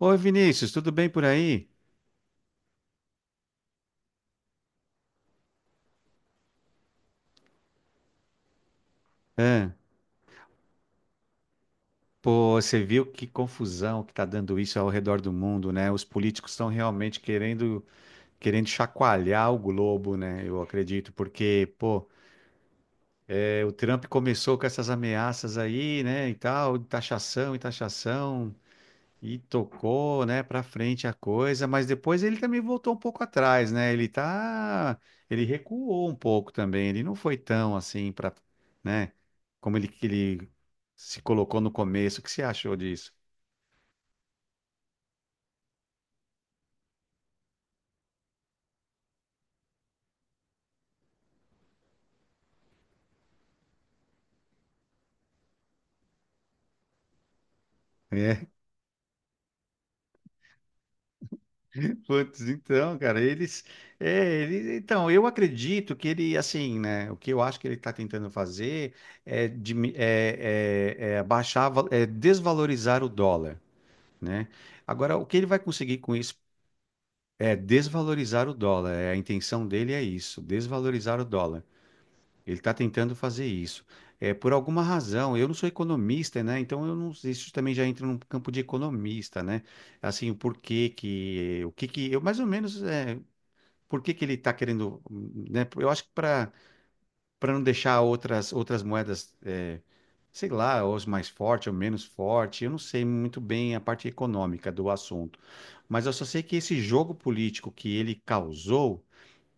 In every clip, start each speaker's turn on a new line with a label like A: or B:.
A: Oi, Vinícius, tudo bem por aí? Hã? Pô, você viu que confusão que tá dando isso ao redor do mundo, né? Os políticos estão realmente querendo, querendo chacoalhar o globo, né? Eu acredito, porque, pô, o Trump começou com essas ameaças aí, né, e tal, de taxação e taxação. E tocou, né, para frente a coisa, mas depois ele também voltou um pouco atrás, né? Ele recuou um pouco também. Ele não foi tão assim para, né, como ele se colocou no começo. O que você achou disso? É. Putz, então, cara, ele, então, eu acredito que ele, assim, né, o que eu acho que ele está tentando fazer é, abaixar, desvalorizar o dólar, né? Agora, o que ele vai conseguir com isso? É desvalorizar o dólar. A intenção dele é isso, desvalorizar o dólar. Ele está tentando fazer isso. Por alguma razão, eu não sou economista, né? Então eu não, isso também já entra num campo de economista, né? Assim, o porquê que, o que que, eu mais ou menos, por que que ele está querendo, né? Eu acho que para não deixar outras moedas, sei lá, ou as mais forte ou menos forte. Eu não sei muito bem a parte econômica do assunto, mas eu só sei que esse jogo político que ele causou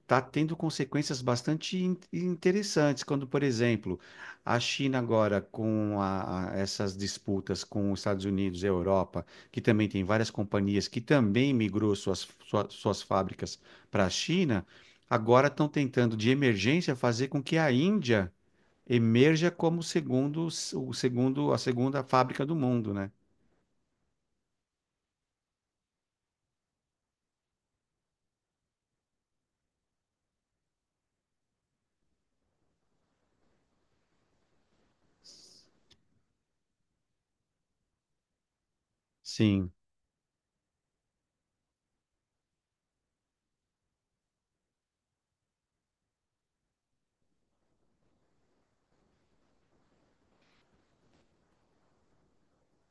A: está tendo consequências bastante interessantes, quando, por exemplo, a China agora com essas disputas com os Estados Unidos e a Europa, que também tem várias companhias que também migrou suas fábricas para a China, agora estão tentando, de emergência, fazer com que a Índia emerja como a segunda fábrica do mundo, né? Sim,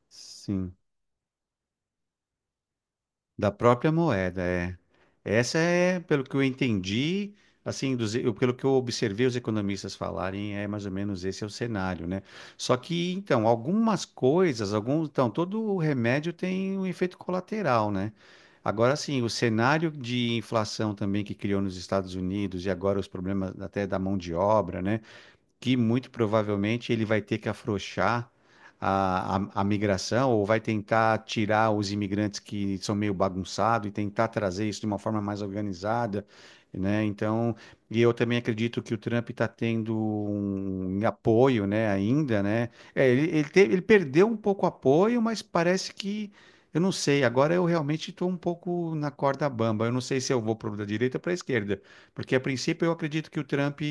A: sim. Da própria moeda, é. Essa é, pelo que eu entendi, assim, pelo que eu observei os economistas falarem, é mais ou menos esse é o cenário, né? Só que, então, então, todo o remédio tem um efeito colateral, né? Agora, sim, o cenário de inflação também que criou nos Estados Unidos e agora os problemas até da mão de obra, né? Que muito provavelmente ele vai ter que afrouxar a migração ou vai tentar tirar os imigrantes que são meio bagunçados e tentar trazer isso de uma forma mais organizada, né? Então, e eu também acredito que o Trump está tendo um apoio, né, ainda, né? É, ele perdeu um pouco o apoio, mas parece que eu não sei, agora eu realmente estou um pouco na corda bamba. Eu não sei se eu vou para da direita ou para a esquerda, porque a princípio eu acredito que o Trump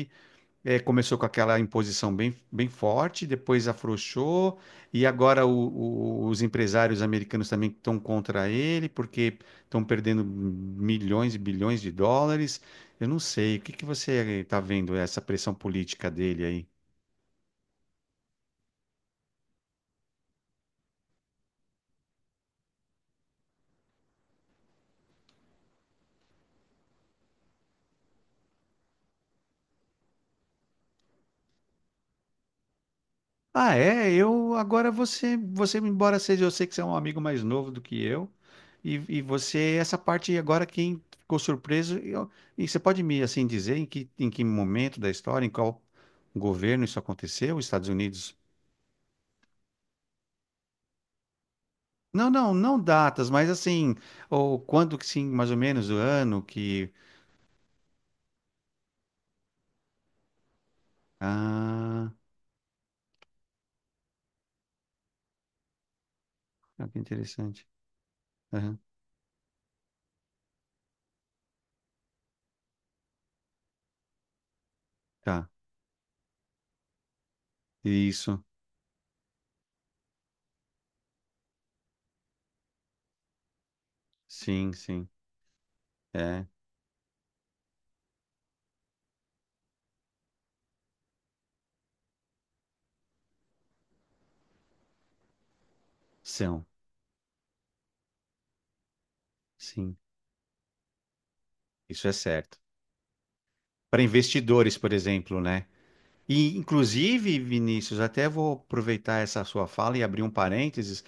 A: começou com aquela imposição bem, bem forte, depois afrouxou, e agora os empresários americanos também estão contra ele, porque estão perdendo milhões e bilhões de dólares. Eu não sei, o que que você está vendo essa pressão política dele aí? Ah, é, eu agora você embora seja, eu sei que você é um amigo mais novo do que eu, e você, essa parte agora quem ficou surpreso, eu- e você pode me assim dizer em que, momento da história, em qual governo isso aconteceu, os Estados Unidos? Não, não, não datas, mas assim, ou quando que sim, mais ou menos o ano que. Ah, ah, que interessante. Aham, tá, isso, sim, sim, é, são, sim, isso é certo. Para investidores, por exemplo, né? E, inclusive, Vinícius, até vou aproveitar essa sua fala e abrir um parênteses,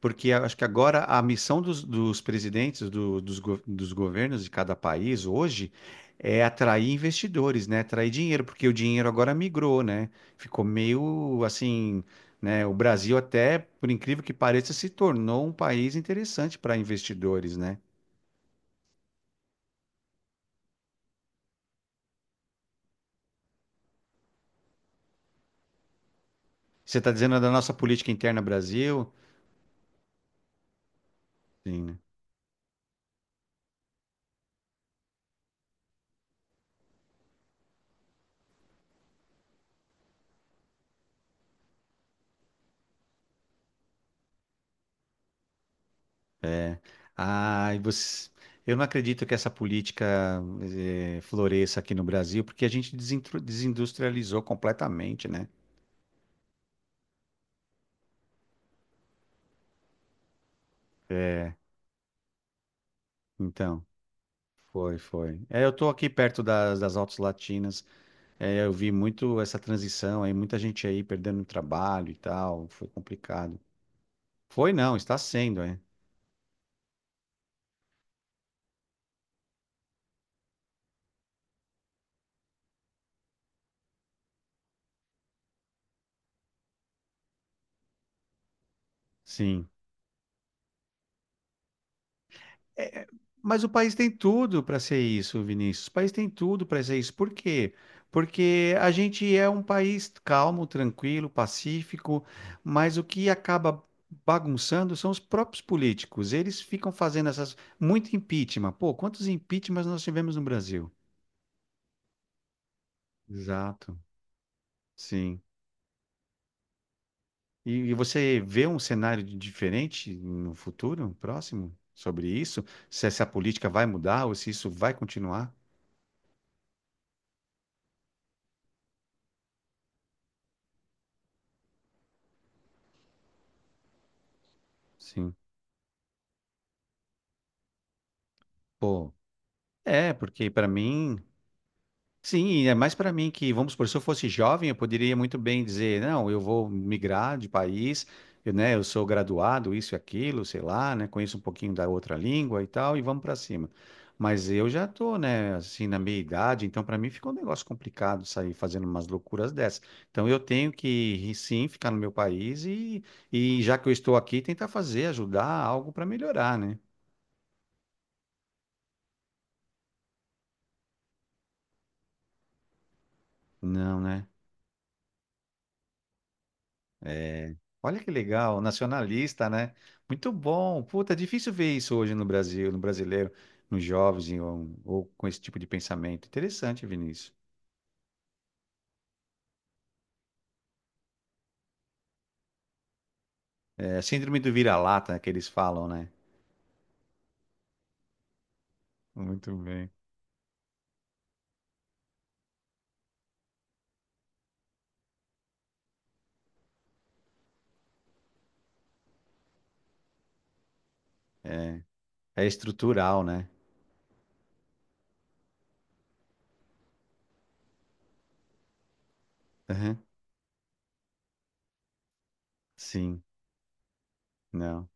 A: porque eu acho que agora a missão dos, dos presidentes do- dos, go- dos governos de cada país hoje é atrair investidores, né? Atrair dinheiro, porque o dinheiro agora migrou, né? Ficou meio assim, né? O Brasil até, por incrível que pareça, se tornou um país interessante para investidores, né? Você está dizendo da nossa política interna Brasil? Sim. Né? Ai, você. Eu não acredito que essa política floresça aqui no Brasil, porque a gente desindustrializou completamente, né? Então, foi, foi. É, eu tô aqui perto das, das Altas Latinas, é, eu vi muito essa transição aí, muita gente aí perdendo o trabalho e tal, foi complicado. Foi não, está sendo, é. Sim. É, é, mas o país tem tudo para ser isso, Vinícius. O país tem tudo para ser isso. Por quê? Porque a gente é um país calmo, tranquilo, pacífico, mas o que acaba bagunçando são os próprios políticos. Eles ficam fazendo essas muito impeachment. Pô, quantos impeachments nós tivemos no Brasil? Exato, sim. E você vê um cenário diferente no futuro, próximo, sobre isso? Se essa política vai mudar ou se isso vai continuar? Sim. Pô, porque para mim, sim, é mais para mim que, vamos supor, se eu fosse jovem, eu poderia muito bem dizer, não, eu vou migrar de país, eu, né, eu sou graduado, isso e aquilo, sei lá, né, conheço um pouquinho da outra língua e tal, e vamos para cima. Mas eu já tô, né, assim, na minha idade, então para mim fica um negócio complicado sair fazendo umas loucuras dessas. Então eu tenho que, sim, ficar no meu país e já que eu estou aqui, tentar fazer, ajudar algo para melhorar, né? Não, né? É, olha que legal, nacionalista, né? Muito bom. Puta, é difícil ver isso hoje no Brasil, no brasileiro, nos jovens ou com esse tipo de pensamento. Interessante, Vinícius. É, síndrome do vira-lata né, que eles falam, né? Muito bem. É estrutural, né? Aham, sim, não.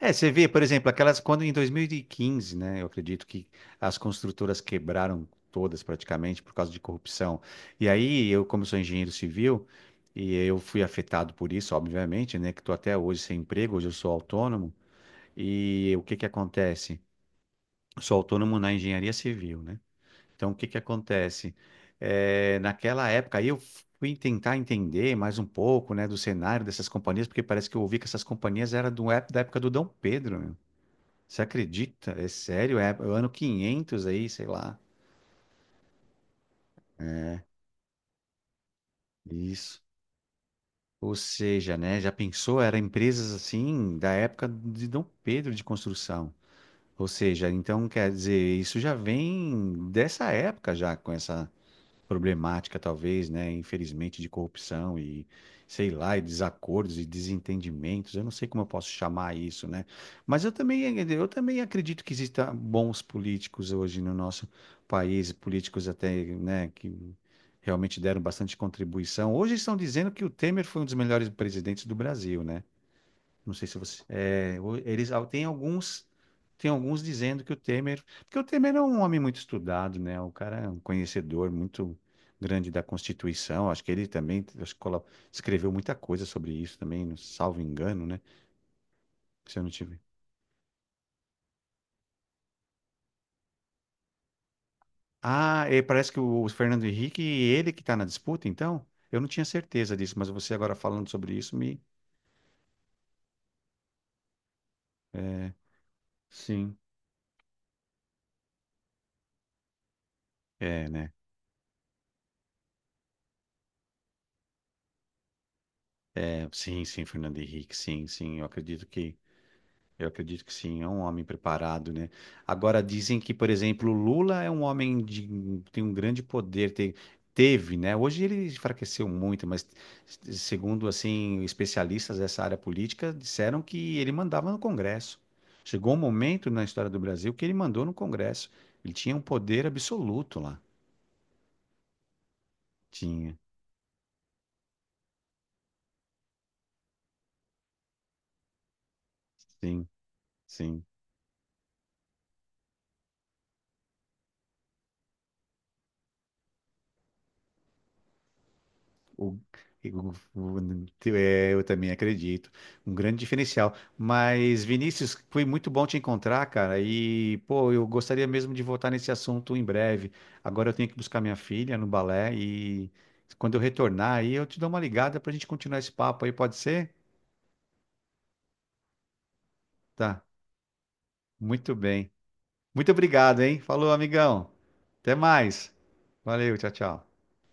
A: É, você vê, por exemplo, aquelas quando em 2015, né? Eu acredito que as construtoras quebraram todas praticamente por causa de corrupção. E aí eu, como sou engenheiro civil, e eu fui afetado por isso, obviamente, né? Que estou até hoje sem emprego, hoje eu sou autônomo. E o que que acontece? Eu sou autônomo na engenharia civil, né? Então o que que acontece? É, naquela época aí eu fui tentar entender mais um pouco, né, do cenário dessas companhias, porque parece que eu ouvi que essas companhias eram da época do Dom Pedro, né? Você acredita? É sério? É o ano 500 aí, sei lá. Isso. Ou seja, né, já pensou, era empresas assim da época de Dom Pedro de construção. Ou seja, então quer dizer, isso já vem dessa época já com essa problemática, talvez, né? Infelizmente, de corrupção e sei lá, e desacordos e desentendimentos. Eu não sei como eu posso chamar isso, né? Mas eu também acredito que existam bons políticos hoje no nosso país, políticos até, né, que realmente deram bastante contribuição. Hoje estão dizendo que o Temer foi um dos melhores presidentes do Brasil, né? Não sei se você. Eles tem alguns dizendo que o Temer, porque o Temer é um homem muito estudado, né? O cara é um conhecedor muito grande da Constituição. Acho que ele também acho que escreveu muita coisa sobre isso também, salvo engano, né? Se eu não tive. Ah, e parece que o Fernando Henrique, ele que está na disputa, então? Eu não tinha certeza disso, mas você agora falando sobre isso me. É, sim. É, né? É, sim, sim, Fernando Henrique, sim, sim. Eu acredito que sim, é um homem preparado, né? Agora dizem que, por exemplo, o Lula é um homem de tem um grande poder, teve, né? Hoje ele enfraqueceu muito, mas segundo assim especialistas dessa área política disseram que ele mandava no Congresso. Chegou um momento na história do Brasil que ele mandou no Congresso. Ele tinha um poder absoluto lá. Tinha. Sim, sim. O, o- o- eu também acredito. Um grande diferencial. Mas, Vinícius, foi muito bom te encontrar, cara. E, pô, eu gostaria mesmo de voltar nesse assunto em breve. Agora eu tenho que buscar minha filha no balé e quando eu retornar aí eu te dou uma ligada pra gente continuar esse papo aí, pode ser? Tá. Muito bem. Muito obrigado, hein? Falou, amigão. Até mais. Valeu, tchau, tchau.